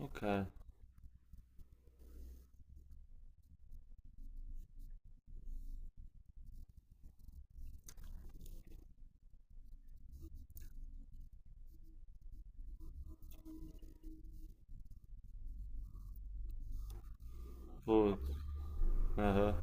Ok, vou. Aham.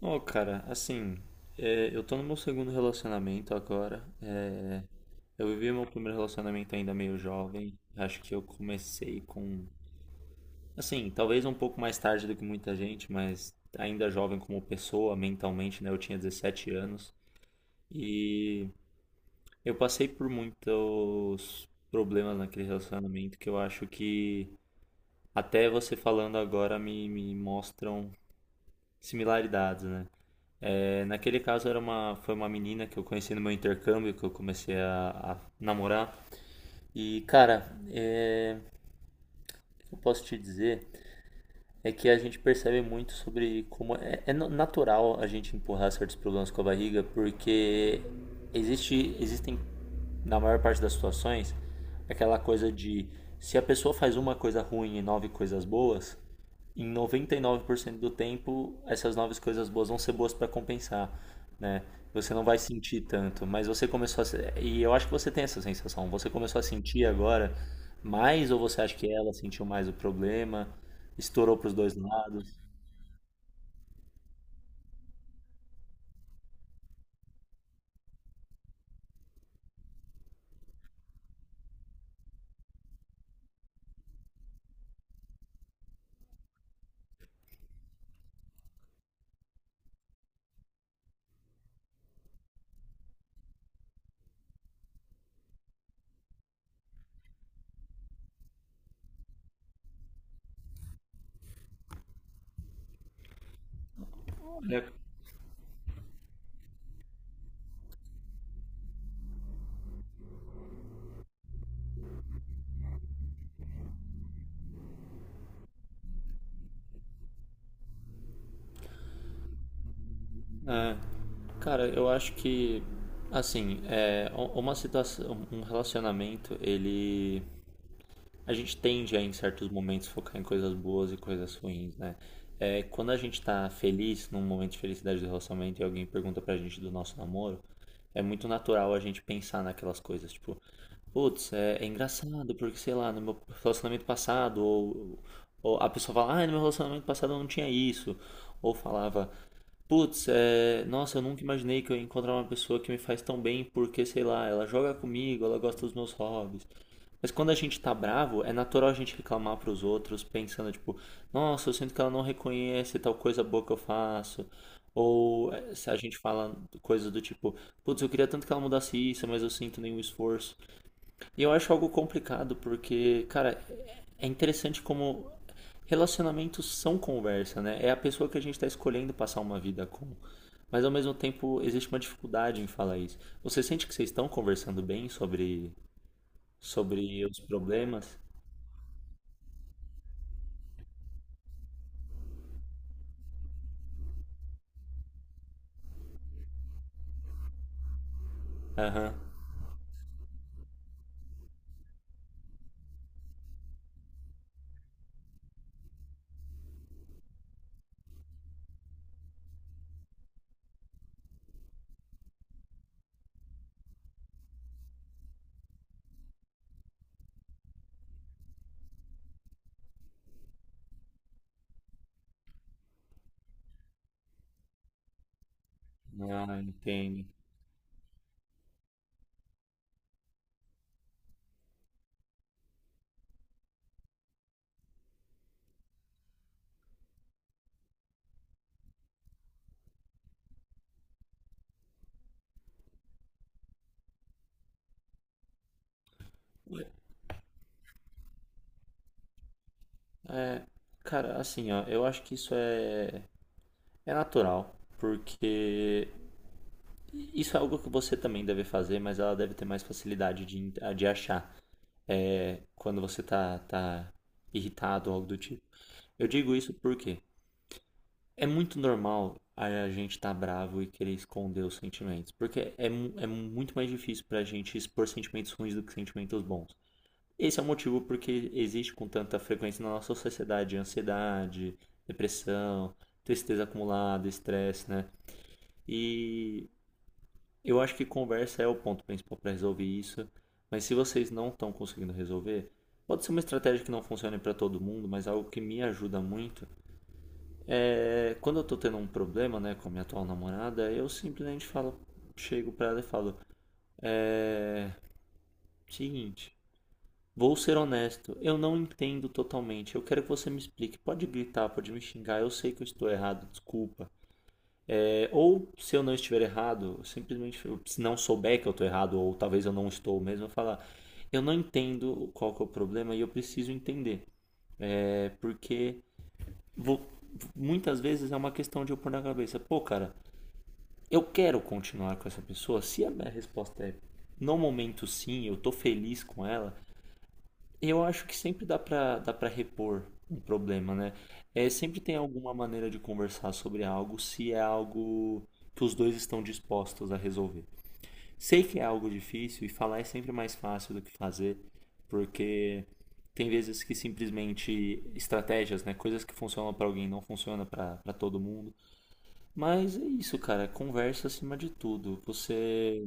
Ô, cara, assim, é, eu tô no meu segundo relacionamento agora. É, eu vivi meu primeiro relacionamento ainda meio jovem. Acho que eu comecei com. Assim, talvez um pouco mais tarde do que muita gente, mas ainda jovem como pessoa, mentalmente, né? Eu tinha 17 anos. E eu passei por muitos problemas naquele relacionamento que eu acho que até você falando agora me mostram similaridades, né? É, naquele caso foi uma menina que eu conheci no meu intercâmbio, que eu comecei a namorar. E, cara, é, o que eu posso te dizer é que a gente percebe muito sobre como é natural a gente empurrar certos problemas com a barriga, porque existem, na maior parte das situações, aquela coisa de se a pessoa faz uma coisa ruim e nove coisas boas, em 99% do tempo, essas novas coisas boas vão ser boas para compensar, né? Você não vai sentir tanto, mas você começou a se- e eu acho que você tem essa sensação. Você começou a sentir agora mais ou você acha que ela sentiu mais o problema? Estourou para os dois lados? Olha, é. Cara, eu acho que assim, uma situação, um relacionamento, ele A gente tende a, em certos momentos, focar em coisas boas e coisas ruins, né? É, quando a gente tá feliz, num momento de felicidade do relacionamento, e alguém pergunta pra gente do nosso namoro, é muito natural a gente pensar naquelas coisas, tipo, putz, é engraçado, porque sei lá, no meu relacionamento passado, ou, a pessoa fala, ah, no meu relacionamento passado eu não tinha isso, ou falava, putz, é, nossa, eu nunca imaginei que eu ia encontrar uma pessoa que me faz tão bem, porque sei lá, ela joga comigo, ela gosta dos meus hobbies. Mas quando a gente tá bravo, é natural a gente reclamar pros outros, pensando, tipo, nossa, eu sinto que ela não reconhece tal coisa boa que eu faço. Ou se a gente fala coisas do tipo, putz, eu queria tanto que ela mudasse isso, mas eu sinto nenhum esforço. E eu acho algo complicado, porque, cara, é interessante como relacionamentos são conversa, né? É a pessoa que a gente está escolhendo passar uma vida com. Mas ao mesmo tempo existe uma dificuldade em falar isso. Você sente que vocês estão conversando bem sobre os problemas? Aham. Ah, entendo. É, cara, assim, ó, eu acho que isso é natural, porque isso é algo que você também deve fazer, mas ela deve ter mais facilidade de achar, é, quando você tá irritado ou algo do tipo. Eu digo isso porque é muito normal a gente estar tá bravo e querer esconder os sentimentos, porque é muito mais difícil pra gente expor sentimentos ruins do que sentimentos bons. Esse é o motivo porque existe com tanta frequência na nossa sociedade ansiedade, depressão, tristeza acumulada, estresse, né? E eu acho que conversa é o ponto principal para resolver isso. Mas se vocês não estão conseguindo resolver, pode ser uma estratégia que não funcione para todo mundo, mas algo que me ajuda muito é quando eu tô tendo um problema, né, com a minha atual namorada, eu simplesmente falo, chego para ela e falo, é seguinte, vou ser honesto, eu não entendo totalmente. Eu quero que você me explique. Pode gritar, pode me xingar. Eu sei que eu estou errado, desculpa. É, ou se eu não estiver errado, simplesmente se não souber que eu estou errado, ou talvez eu não estou mesmo, eu falar. Eu não entendo qual que é o problema e eu preciso entender. É porque vou- muitas vezes é uma questão de eu pôr na cabeça, pô, cara, eu quero continuar com essa pessoa. Se a minha resposta é no momento sim, eu estou feliz com ela, eu acho que sempre dá para repor um problema, né? É, sempre tem alguma maneira de conversar sobre algo se é algo que os dois estão dispostos a resolver. Sei que é algo difícil e falar é sempre mais fácil do que fazer, porque tem vezes que simplesmente estratégias, né, coisas que funcionam pra alguém não funcionam pra para todo mundo. Mas é isso, cara, conversa acima de tudo. Você,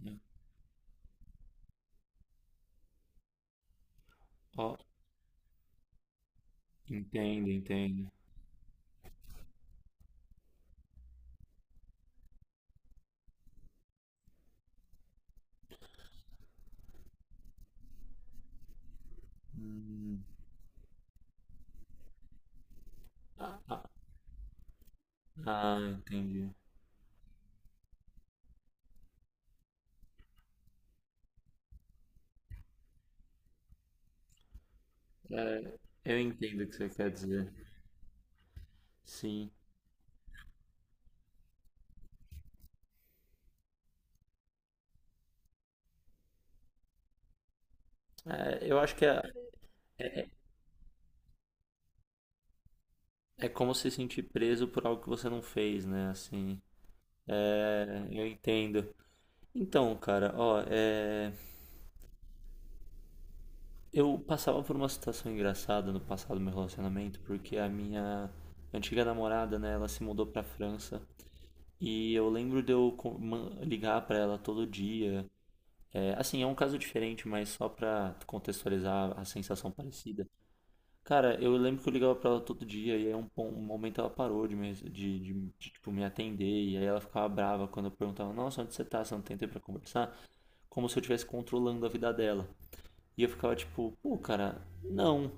né? Ó, entende, entende. Ah, ah, ah, entendi. É, eu entendo o que você quer dizer. Sim. É, eu acho que é, é como se sentir preso por algo que você não fez, né? Assim. É, eu entendo. Então, cara, ó, é, eu passava por uma situação engraçada no passado do meu relacionamento, porque a minha antiga namorada, né, ela se mudou pra França. E eu lembro de eu ligar pra ela todo dia. É, assim, é um caso diferente, mas só pra contextualizar a sensação parecida. Cara, eu lembro que eu ligava pra ela todo dia e aí um momento ela parou de me, tipo, me atender e aí ela ficava brava quando eu perguntava, nossa, onde você tá? Você não tem tempo pra conversar? Como se eu estivesse controlando a vida dela. E eu ficava tipo, pô, cara, não.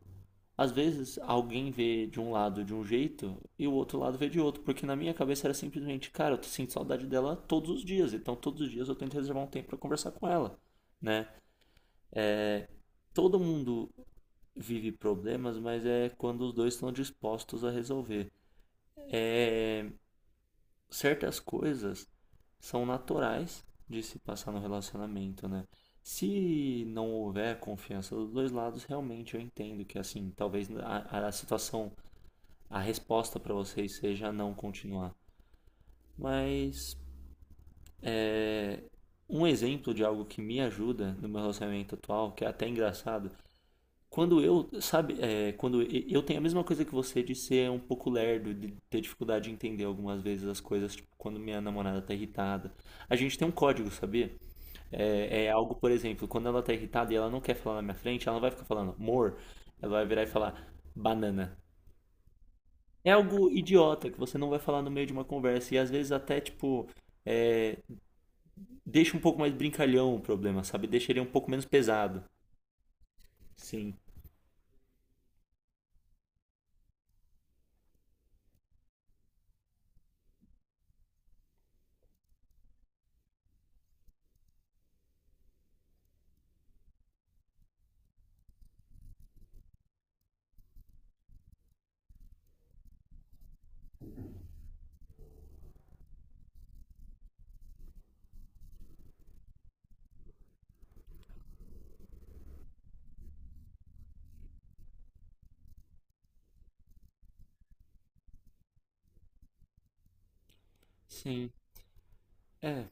Às vezes alguém vê de um lado de um jeito e o outro lado vê de outro, porque na minha cabeça era simplesmente, cara, eu sinto saudade dela todos os dias, então todos os dias eu tento reservar um tempo pra conversar com ela, né? Todo mundo vive problemas, mas é quando os dois estão dispostos a resolver. É, certas coisas são naturais de se passar no relacionamento, né? Se não houver confiança dos dois lados, realmente eu entendo que assim, talvez a situação, a resposta para vocês seja não continuar. Mas é, um exemplo de algo que me ajuda no meu relacionamento atual, que é até engraçado. Quando eu, sabe, eu tenho a mesma coisa que você de ser um pouco lerdo, de ter dificuldade de entender algumas vezes as coisas, tipo, quando minha namorada tá irritada. A gente tem um código, sabia? É algo, por exemplo, quando ela tá irritada e ela não quer falar na minha frente, ela não vai ficar falando amor, ela vai virar e falar banana. É algo idiota que você não vai falar no meio de uma conversa e às vezes até, tipo, é, deixa um pouco mais brincalhão o problema, sabe? Deixa ele um pouco menos pesado. Sim. Sim. É.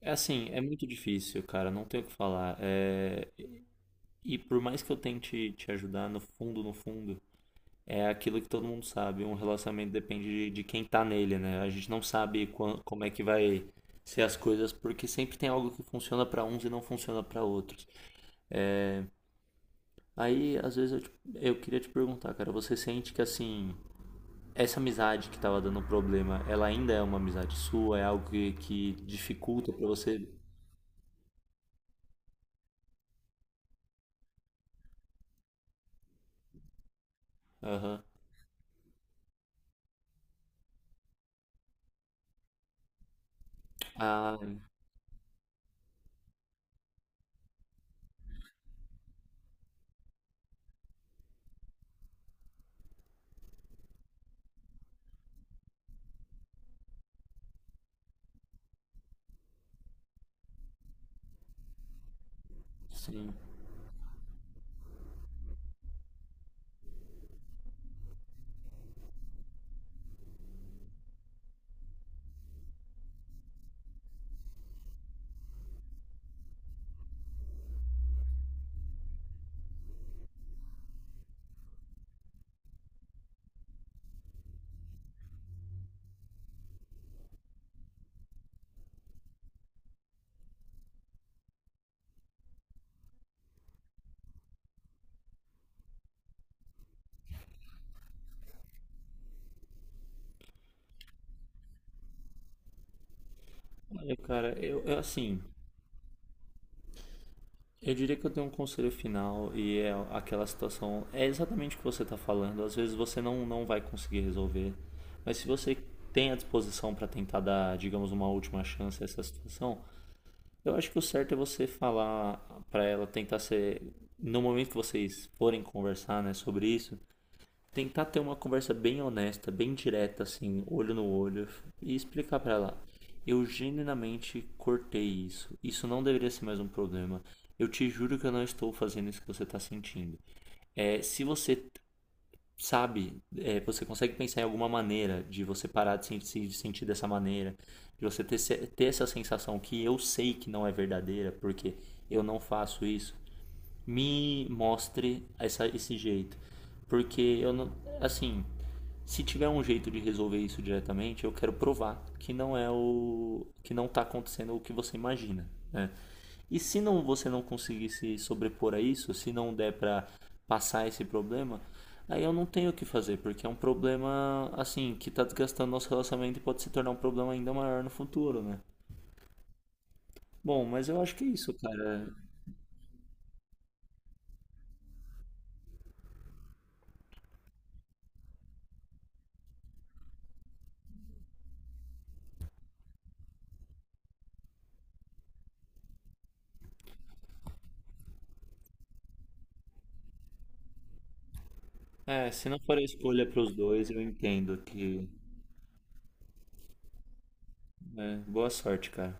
É assim, é muito difícil, cara, não tem o que falar. É, e por mais que eu tente te ajudar, no fundo, no fundo, é aquilo que todo mundo sabe. Um relacionamento depende de quem tá nele, né? A gente não sabe como é que vai ser as coisas, porque sempre tem algo que funciona pra uns e não funciona pra outros. Aí, às vezes, eu queria te perguntar, cara, você sente que, assim, essa amizade que tava dando problema, ela ainda é uma amizade sua? É algo que dificulta pra você? Aham. Ah, sim. Olha, cara, assim, eu diria que eu tenho um conselho final e é aquela situação, é exatamente o que você está falando. Às vezes você não vai conseguir resolver, mas se você tem a disposição para tentar dar, digamos, uma última chance a essa situação, eu acho que o certo é você falar para ela tentar ser, no momento que vocês forem conversar, né, sobre isso, tentar ter uma conversa bem honesta, bem direta, assim, olho no olho, e explicar pra ela. Eu genuinamente cortei isso. Isso não deveria ser mais um problema. Eu te juro que eu não estou fazendo isso que você está sentindo. É, se você sabe, é, você consegue pensar em alguma maneira de você parar de se sentir dessa maneira, de você ter essa sensação que eu sei que não é verdadeira, porque eu não faço isso, me mostre esse jeito. Porque eu não. Assim, se tiver um jeito de resolver isso diretamente, eu quero provar que não é o. que não está acontecendo o que você imagina, né? E se não você não conseguir se sobrepor a isso, se não der para passar esse problema, aí eu não tenho o que fazer, porque é um problema assim que está desgastando nosso relacionamento e pode se tornar um problema ainda maior no futuro, né? Bom, mas eu acho que é isso, cara. É, se não for a escolha para os dois, eu entendo que. É, boa sorte, cara.